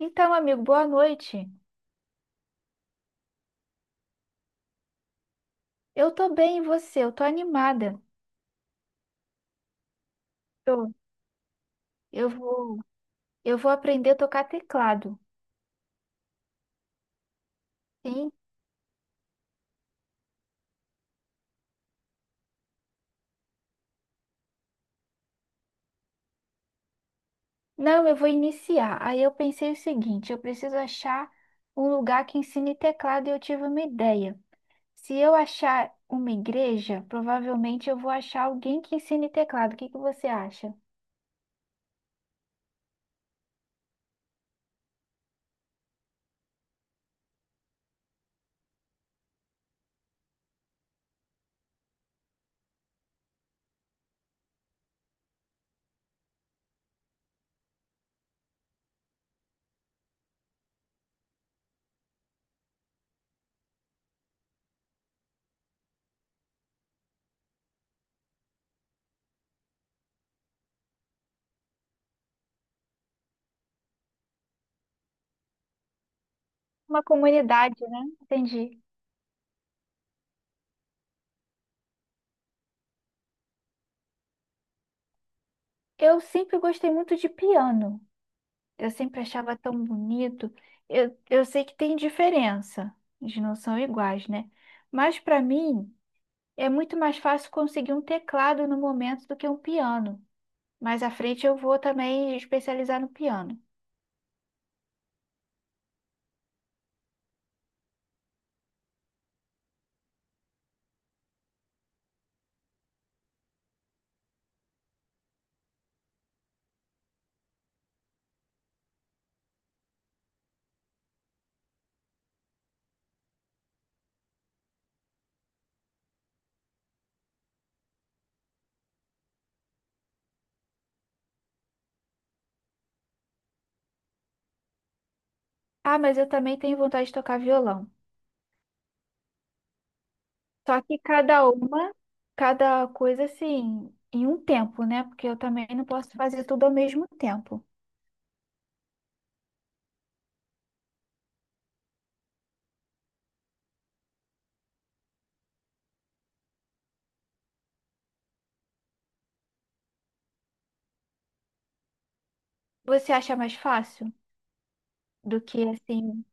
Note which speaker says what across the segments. Speaker 1: Então, amigo, boa noite. Eu tô bem, e você? Eu tô animada. Eu, eu vou, eu vou aprender a tocar teclado. Sim? Não, eu vou iniciar. Aí eu pensei o seguinte, eu preciso achar um lugar que ensine teclado e eu tive uma ideia. Se eu achar uma igreja, provavelmente eu vou achar alguém que ensine teclado. O que que você acha? Uma comunidade, né? Entendi. Eu sempre gostei muito de piano. Eu sempre achava tão bonito. Eu sei que tem diferença, eles não são iguais, né? Mas para mim é muito mais fácil conseguir um teclado no momento do que um piano. Mais à frente eu vou também especializar no piano. Ah, mas eu também tenho vontade de tocar violão. Só que cada uma, cada coisa assim, em um tempo, né? Porque eu também não posso fazer tudo ao mesmo tempo. Você acha mais fácil do que assim.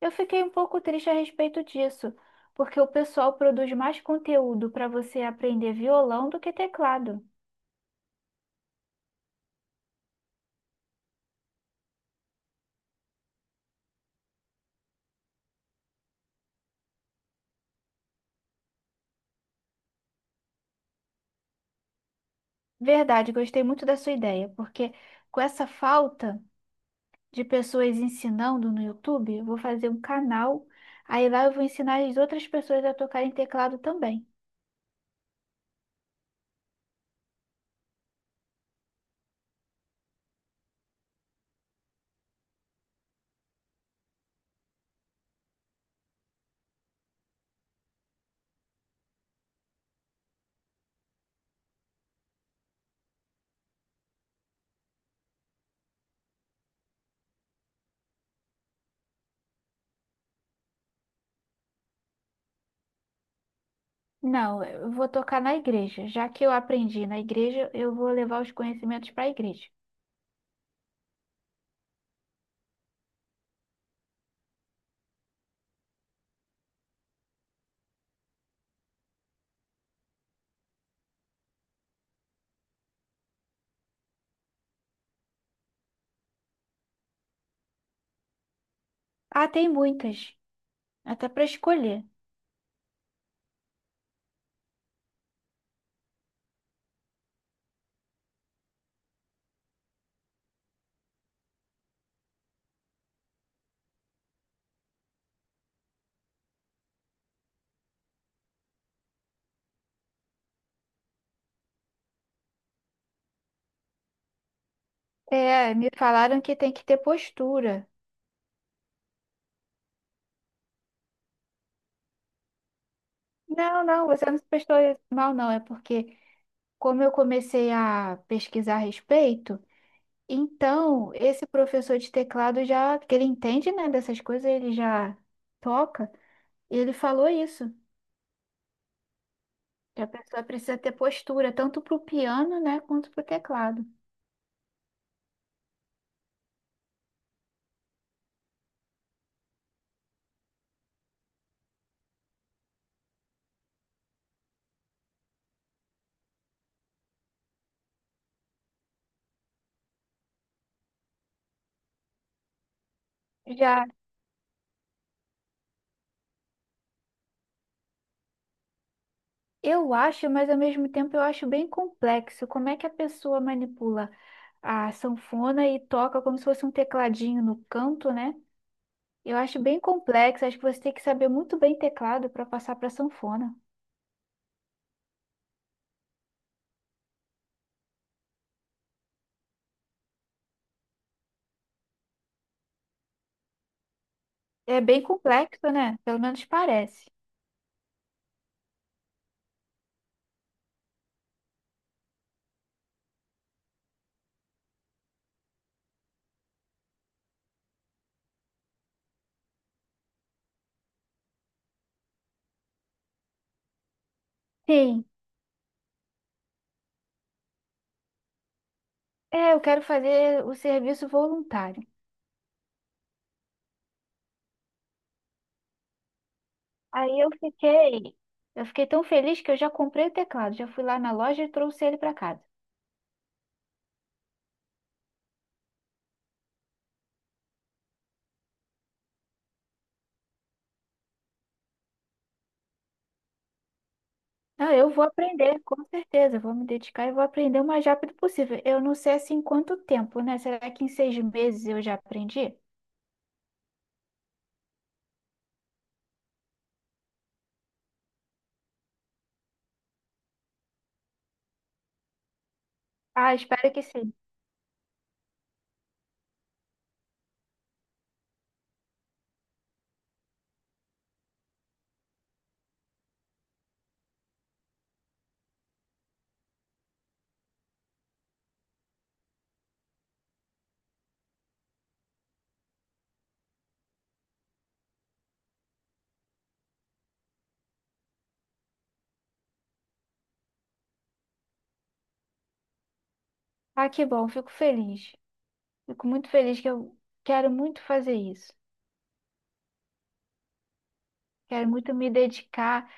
Speaker 1: Eu fiquei um pouco triste a respeito disso, porque o pessoal produz mais conteúdo para você aprender violão do que teclado. Verdade, gostei muito da sua ideia, porque com essa falta de pessoas ensinando no YouTube, eu vou fazer um canal, aí lá eu vou ensinar as outras pessoas a tocarem teclado também. Não, eu vou tocar na igreja. Já que eu aprendi na igreja, eu vou levar os conhecimentos para a igreja. Ah, tem muitas, até para escolher. É, me falaram que tem que ter postura. Não, não, você não se prestou mal, não. É porque, como eu comecei a pesquisar a respeito, então esse professor de teclado já, que ele entende, né, dessas coisas, ele já toca, e ele falou isso, que a pessoa precisa ter postura, tanto para o piano, né, quanto para o teclado. Já eu acho, mas ao mesmo tempo eu acho bem complexo. Como é que a pessoa manipula a sanfona e toca como se fosse um tecladinho no canto, né? Eu acho bem complexo, acho que você tem que saber muito bem teclado para passar para sanfona. É bem complexo, né? Pelo menos parece. Sim. É, eu quero fazer o serviço voluntário. Aí eu fiquei tão feliz que eu já comprei o teclado, já fui lá na loja e trouxe ele para casa. Ah, eu vou aprender, com certeza, eu vou me dedicar e vou aprender o mais rápido possível. Eu não sei assim quanto tempo, né? Será que em 6 meses eu já aprendi? Ah, espero que sim. Ah, que bom, fico feliz. Fico muito feliz que eu quero muito fazer isso. Quero muito me dedicar,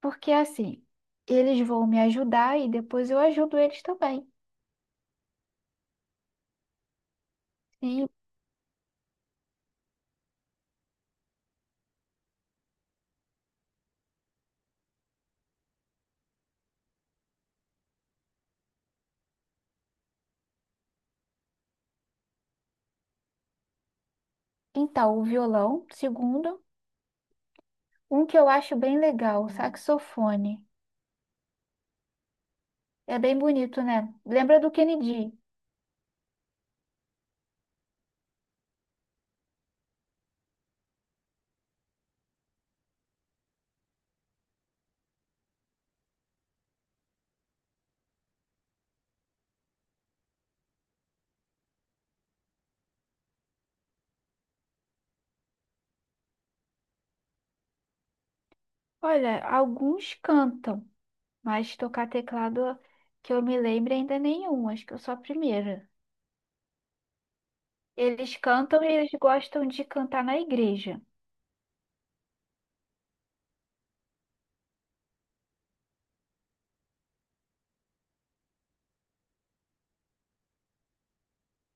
Speaker 1: porque assim, eles vão me ajudar e depois eu ajudo eles também. E então, o violão, segundo, um que eu acho bem legal, o saxofone. É bem bonito, né? Lembra do Kennedy? Olha, alguns cantam, mas tocar teclado que eu me lembre ainda nenhum, acho que eu sou a primeira. Eles cantam e eles gostam de cantar na igreja.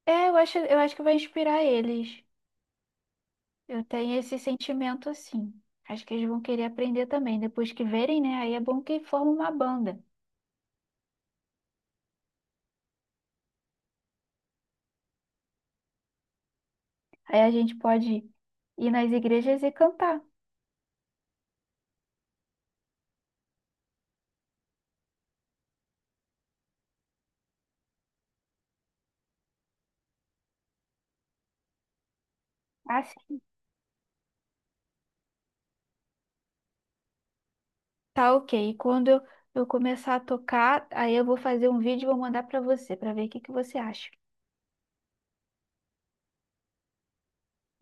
Speaker 1: Eu acho que vai inspirar eles. Eu tenho esse sentimento assim. Acho que eles vão querer aprender também. Depois que verem, né? Aí é bom que forma uma banda. Aí a gente pode ir nas igrejas e cantar. Ah, sim. Tá ok. E quando eu começar a tocar, aí eu vou fazer um vídeo e vou mandar pra você, pra ver o que que você acha.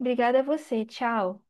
Speaker 1: Obrigada a você. Tchau.